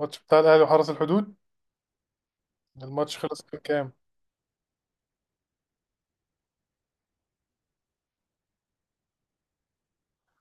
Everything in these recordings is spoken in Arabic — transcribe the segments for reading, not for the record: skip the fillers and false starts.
الماتش بتاع الاهلي وحرس الحدود. الماتش خلص كان كام؟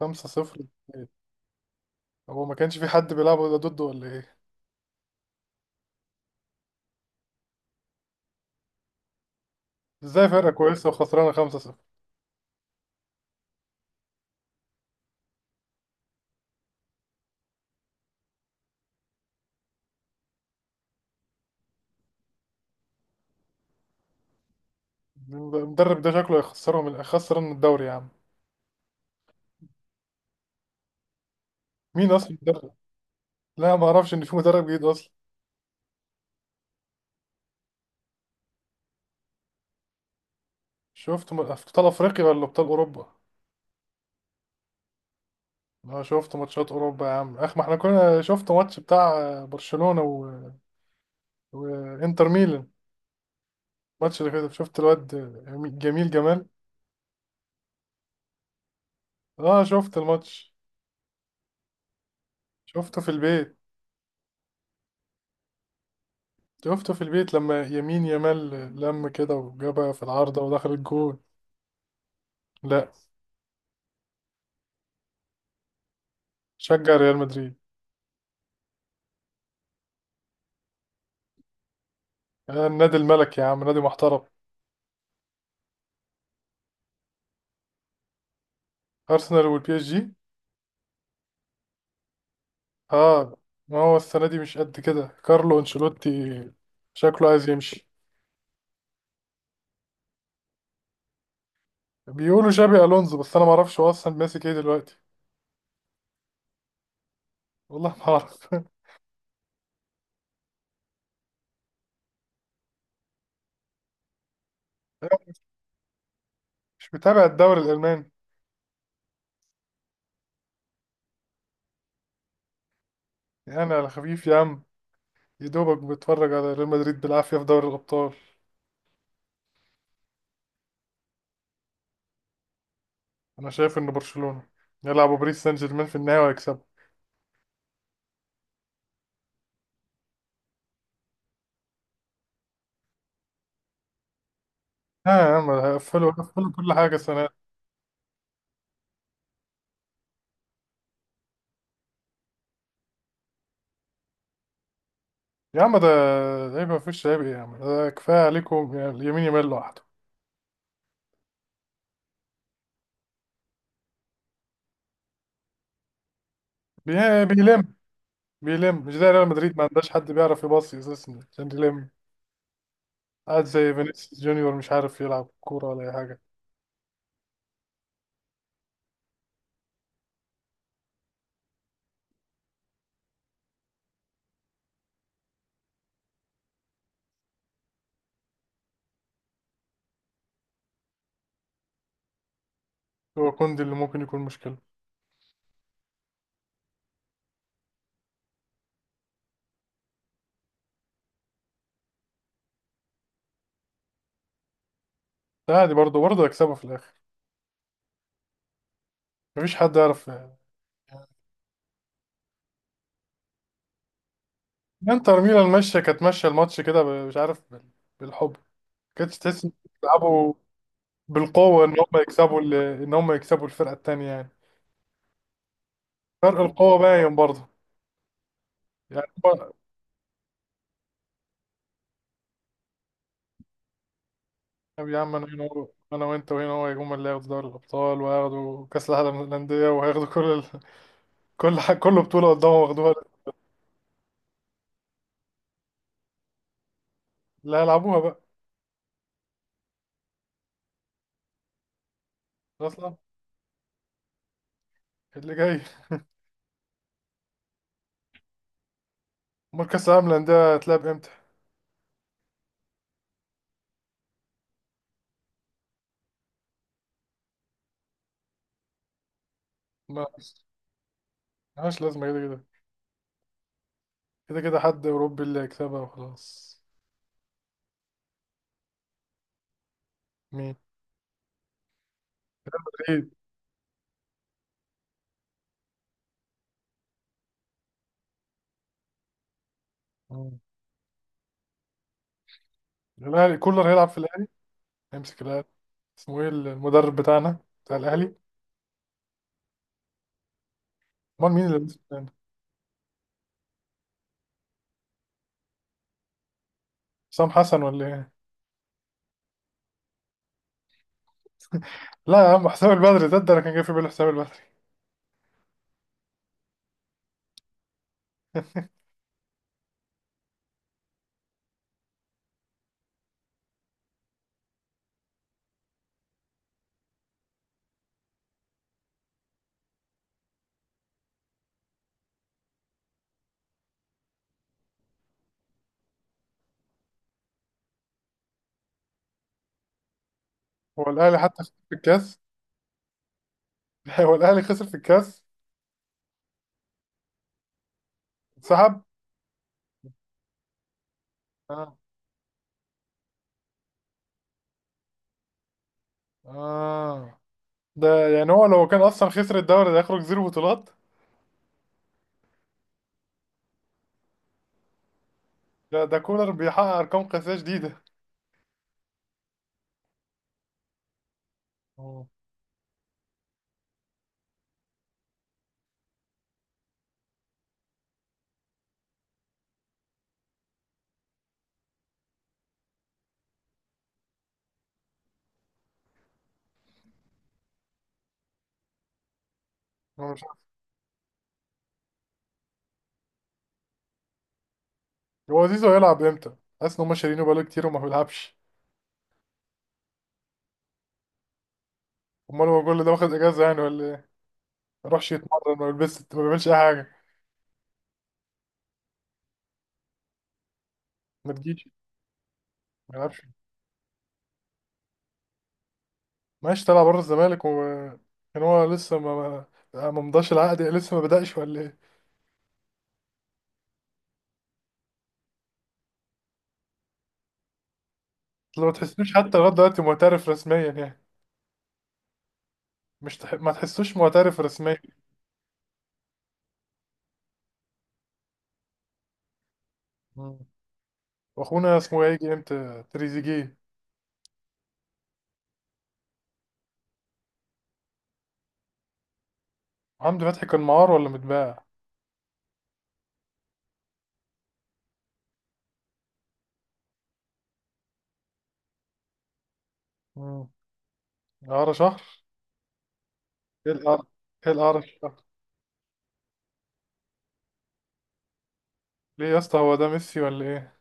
5-0. هو ما كانش في حد بيلعب ولا ضده ولا ايه؟ ازاي فرقة كويسة وخسرانة 5-0؟ المدرب ده شكله هيخسرهم، هيخسرنا الدوري يا عم. مين اصلا المدرب؟ لا ما اعرفش ان في مدرب جديد اصلا. شفت في ابطال افريقيا ولا ابطال اوروبا؟ انا شفت ماتشات اوروبا يا عم، اخ ما احنا كنا شفت ماتش بتاع برشلونة وانتر ميلان. الماتش اللي فات شفت الواد جميل جمال. اه شفت الماتش. شفته في البيت. شفته في البيت لما يمين يامال لم كده وجابها في العارضة ودخل الجول. لا. شجع ريال مدريد. آه النادي الملك يا عم، نادي محترم. أرسنال والبي اس جي. اه. ما هو السنة دي مش قد كده كارلو أنشيلوتي شكله عايز يمشي. بيقولوا شابي ألونزو، بس أنا ما أعرفش هو أصلا ماسك إيه دلوقتي. والله ما أعرف. مش متابع الدوري الألماني. يعني على خفيف يا عم، يا دوبك بتفرج على ريال مدريد بالعافية في دوري الأبطال. أنا شايف إن برشلونة يلعبوا باريس سان جيرمان في النهاية ويكسبوا. ها يا عم، هقفلوا هقفلوا كل حاجة السنة دي. يا عم ده، إيه ده؟ ما فيش عيب ايه يا عم، ده كفاية عليكم يعني اليمين يمال لوحده. بيلم. بيلم مش زي ريال مدريد، ما عندهاش حد بيعرف يباصي اساسا عشان يلم. قاعد زي فينيسيوس جونيور مش عارف يلعب كورة ولا أي حاجة. هو كوندي اللي ممكن يكون مشكلة. ده عادي، برضه برضه هيكسبها في الآخر. مفيش حد يعرف يعني. انتر ميلان ماشية، كانت ماشية الماتش كده مش عارف بالحب. كانتش تحس إن بيلعبوا بالقوة إن هم يكسبوا إن هم يكسبوا الفرقة التانية يعني. فرق القوة باين برضه. يعني هو- طب يا عم، انا هنا انا وانت وهنا هو يجوا هم اللي هياخدوا دوري الابطال وهياخدوا كاس العالم للانديه وهياخدوا كل بطوله قدامهم واخدوها. اللي هيلعبوها بقى. اصلا اللي جاي. امال كاس العالم للانديه هتلعب امتى؟ ما ملهاش لازمه كده كده. كده كده حد اوروبي اللي هيكسبها وخلاص. مين؟ اكيد. مم. الاهلي كولر هيلعب في الاهلي، هيمسك الاهلي. اسمه ايه المدرب بتاعنا، بتاع الاهلي؟ امال مين اللي هيمسك الاهلي؟ حسام حسن ولا ايه؟ لا يا عم، حسام البدري، ده انا كان جاي في بالي حسام البدري. هو الاهلي حتى خسر في الكاس. هو الاهلي خسر في الكاس؟ انسحب. اه، اه. ده يعني هو لو كان اصلا خسر الدوري ده يخرج زيرو بطولات. ده كولر بيحقق ارقام قياسيه جديده. اه. هو مش عارف. هو زيزو هيلعب امتى؟ حاسس ان هم شارينه بقاله كتير وما بيلعبش. امال هو كل ده واخد اجازه يعني ولا ايه؟ ما يروحش يتمرن، ما بيلبسش، ما بيعملش اي حاجه. ما تجيش. ما يلعبش. ماشي طلع بره الزمالك، وكان هو لسه ما مضاش العقد، لسه ما بدأش ولا ايه؟ لو تحسوش حتى لغاية دلوقتي معترف رسميا يعني. مش تح... ما تحسوش معترف رسميا. مم. واخونا اسمه ايه يجي امتى تريزيجيه؟ محمد فتحي كان معار ولا متباع؟ مم. اعاره شهر. ايه الاعاره، ايه الاعاره شهر؟ ليه يا اسطى هو ده ميسي ولا ايه؟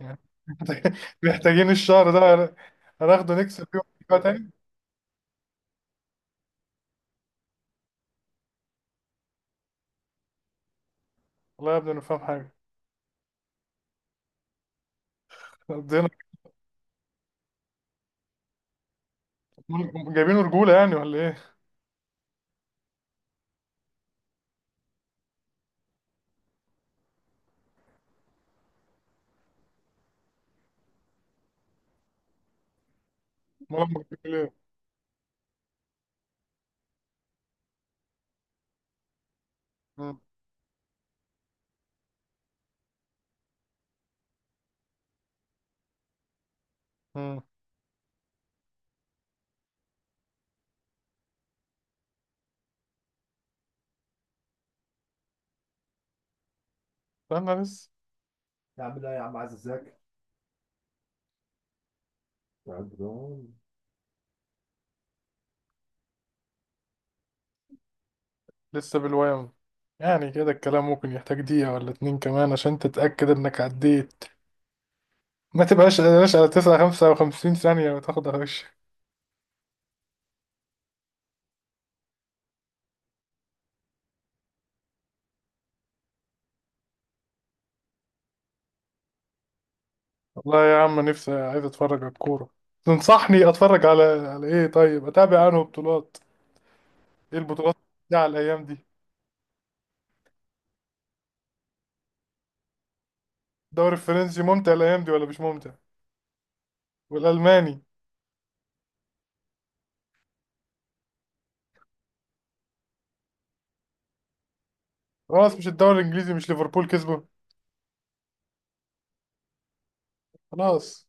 يعني. محتاجين الشهر ده، هناخده نكسب فيه. بقى تاني. والله يا ابني ما فاهم حاجه. قضينا. جايبينه رجوله يعني ولا ايه؟ امال هم جايبينه ليه؟ مم. مم. استنى بس. لسه بالوام. يعني كده الكلام ممكن يحتاج دقيقة ولا اتنين كمان عشان تتأكد إنك عديت. ما تبقاش قلقان على تسعة خمسة وخمسين ثانية وتاخد هش. والله يا عم نفسي عايز أتفرج على الكورة. تنصحني أتفرج على إيه؟ طيب أتابع أنه بطولات، إيه البطولات بتاع الأيام دي؟ الدوري الفرنسي ممتع الأيام دي ولا مش ممتع؟ والألماني. خلاص مش الدوري الإنجليزي، مش ليفربول كسبه؟ خلاص.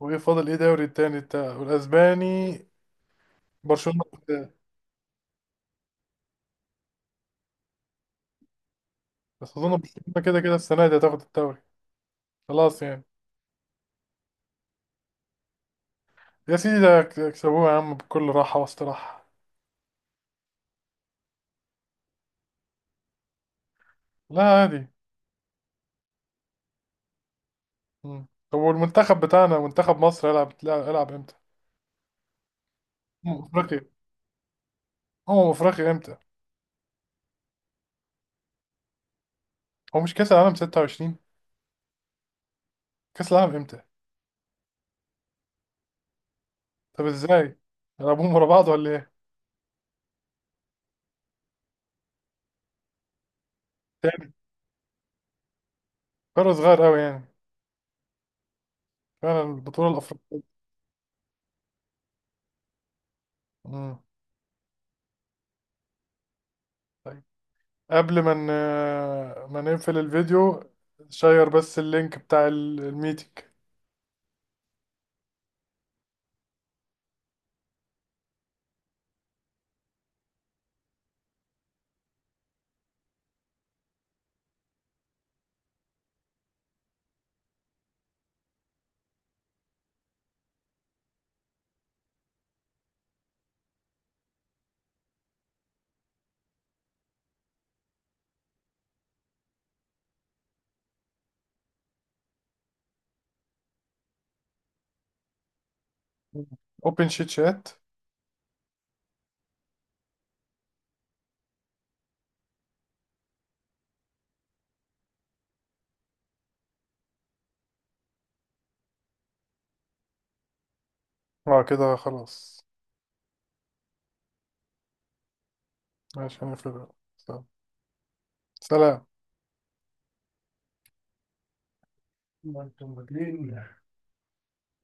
وإيه فاضل إيه دوري التاني بتاع والأسباني؟ برشلونة. بس أظن برشلونة كده كده السنة دي هتاخد الدوري. خلاص يعني. يا سيدي ده يكسبوها يا عم بكل راحة واستراحة. لا عادي. مم. طب والمنتخب بتاعنا منتخب مصر يلعب امتى؟ أمم أفريقيا. أمم أفريقيا امتى؟ هو مش كأس العالم 26؟ كأس العالم امتى؟ طب ازاي؟ يلعبوهم ورا بعض ولا ايه؟ تاني فرق صغير قوي يعني. فعلا البطولة الأفريقية. مم. طيب. قبل ما ما نقفل الفيديو، شير بس اللينك بتاع الميتنج. اوبن شيت شات. اه كده خلاص. ماشي هنقفل. سلام. ما انتم مدين.